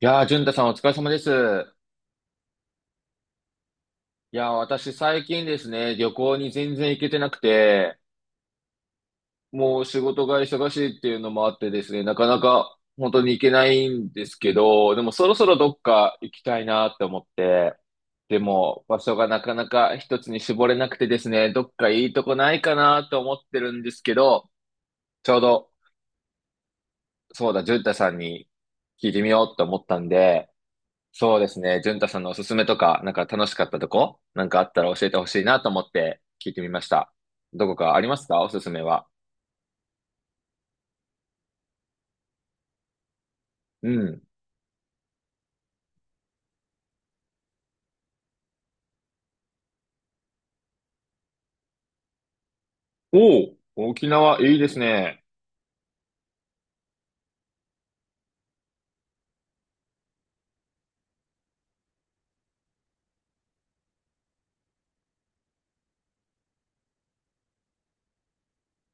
いやー、淳太さんお疲れ様です。いやー、私最近ですね、旅行に全然行けてなくて、もう仕事が忙しいっていうのもあってですね、なかなか本当に行けないんですけど、でもそろそろどっか行きたいなって思って、でも場所がなかなか一つに絞れなくてですね、どっかいいとこないかなと思ってるんですけど、ちょうど、そうだ、淳太さんに聞いてみようと思ったんで、そうですね。淳太さんのおすすめとか、なんか楽しかったとこ、なんかあったら教えてほしいなと思って聞いてみました。どこかありますか、おすすめは？うん。おお、沖縄いいですね。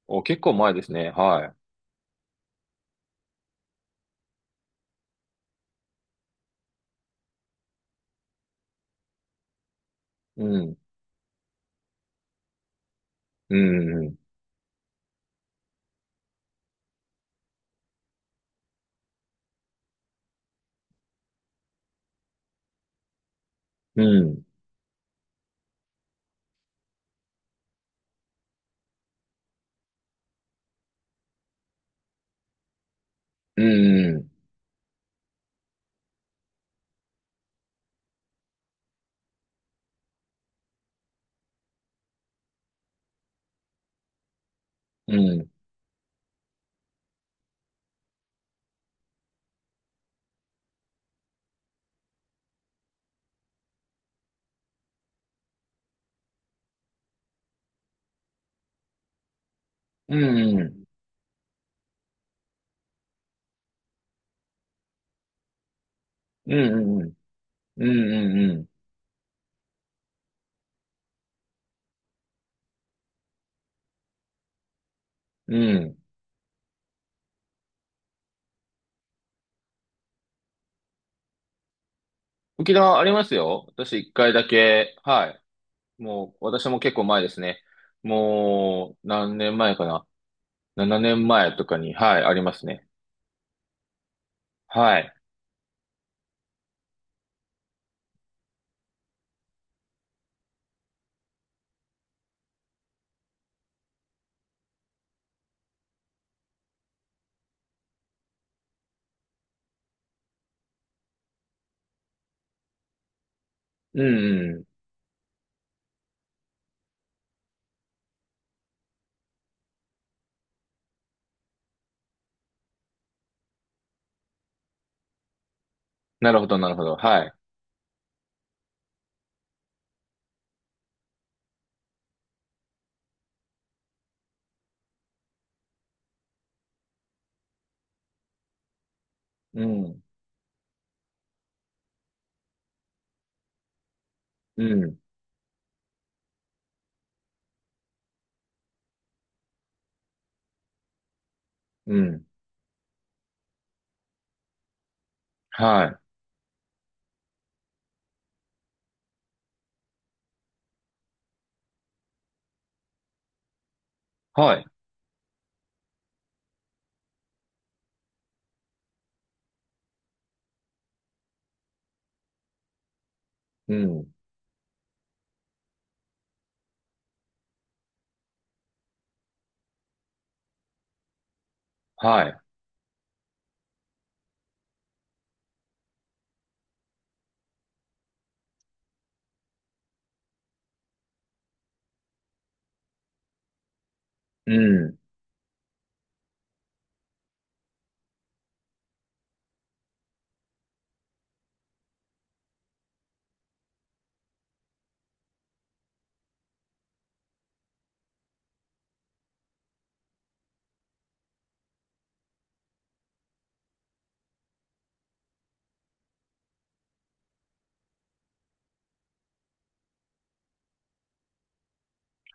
お、結構前ですね。はい。うん。うん。うん。うん。うん。うん。うん。うん。うん。うん。うん。うん。沖縄ありますよ。私一回だけ、はい。もう、私も結構前ですね。もう、何年前かな。7年前とかに、はい、ありますね。はい。うんうん。なるほど、なるほど。はい。うん。うん。うん。はい。はい。うん。はい。うん。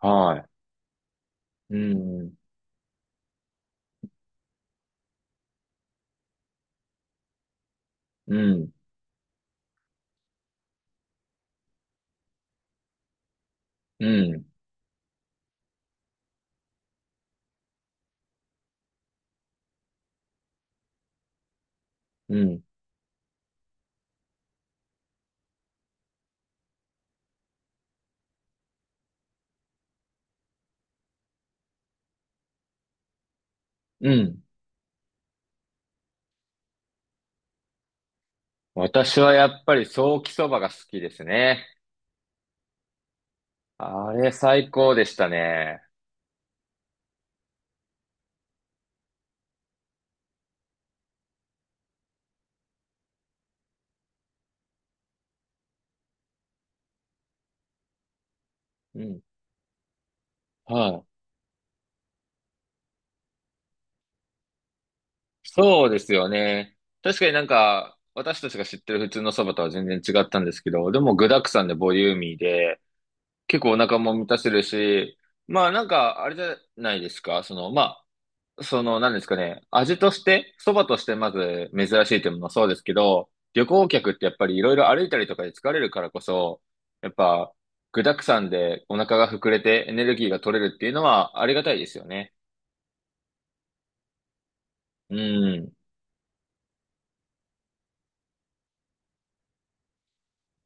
はい。うん。うん。うん。うん。うん。私はやっぱりソーキそばが好きですね。あれ最高でしたね。うん。はい。そうですよね。確かになんか、私たちが知ってる普通のそばとは全然違ったんですけど、でも具沢山でボリューミーで、結構お腹も満たせるし、まあなんか、あれじゃないですか、その、まあ、その、なんですかね、味として、そばとしてまず珍しいというものもそうですけど、旅行客ってやっぱりいろいろ歩いたりとかで疲れるからこそ、やっぱ、具沢山でお腹が膨れてエネルギーが取れるっていうのはありがたいですよね。うん。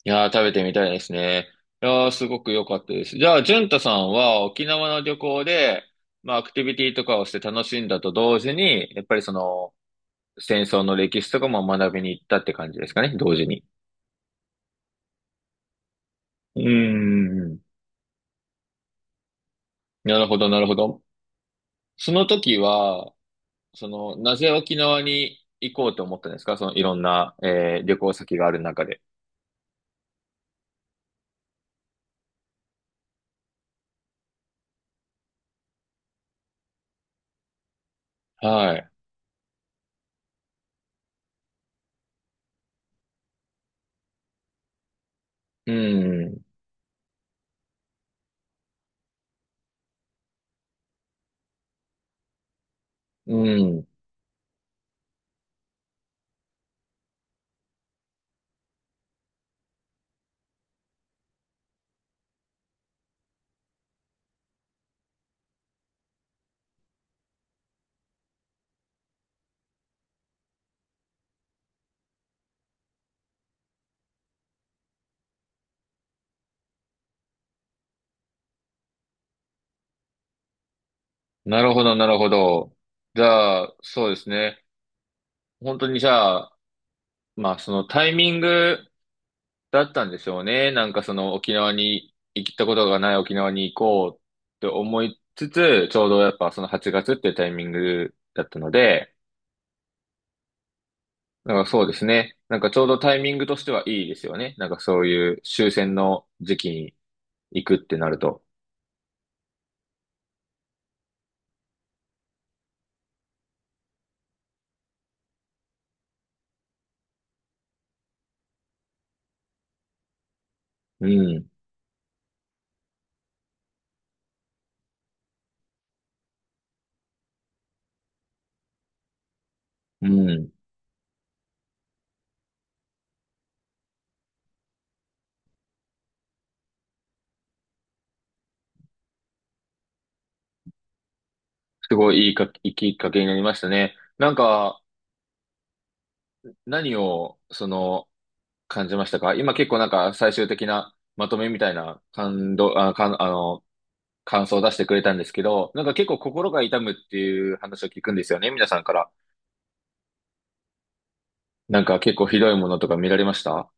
いやー、食べてみたいですね。いやー、すごく良かったです。じゃあ、淳太さんは沖縄の旅行で、まあ、アクティビティとかをして楽しんだと同時に、やっぱりその、戦争の歴史とかも学びに行ったって感じですかね、同時に。うーん。なるほど、なるほど。その時は、その、なぜ沖縄に行こうと思ったんですか、その、いろんな、旅行先がある中で。はい。うん。うん。なるほど、なるほど。じゃあ、そうですね。本当にじゃあ、まあ、そのタイミングだったんでしょうね。なんかその沖縄に行ったことがない沖縄に行こうって思いつつ、ちょうどやっぱその8月っていうタイミングだったので、なんかそうですね。なんかちょうどタイミングとしてはいいですよね。なんかそういう終戦の時期に行くってなると。うん。うん。すごいいいか、いいきっかけになりましたね。なんか何をその感じましたか？今結構なんか最終的なまとめみたいな感動、あ、かん、あの、感想を出してくれたんですけど、なんか結構心が痛むっていう話を聞くんですよね、皆さんから。なんか結構ひどいものとか見られました？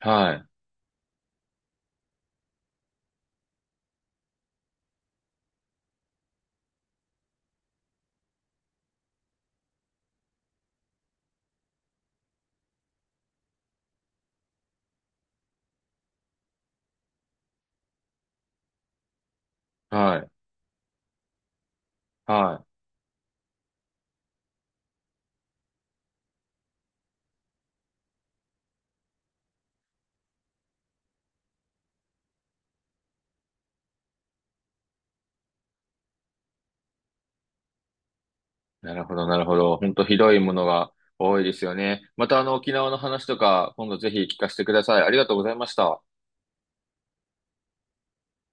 はい、はい、はい。なるほど、なるほど。本当ひどいものが多いですよね。またあの沖縄の話とか、今度ぜひ聞かせてください。ありがとうございました。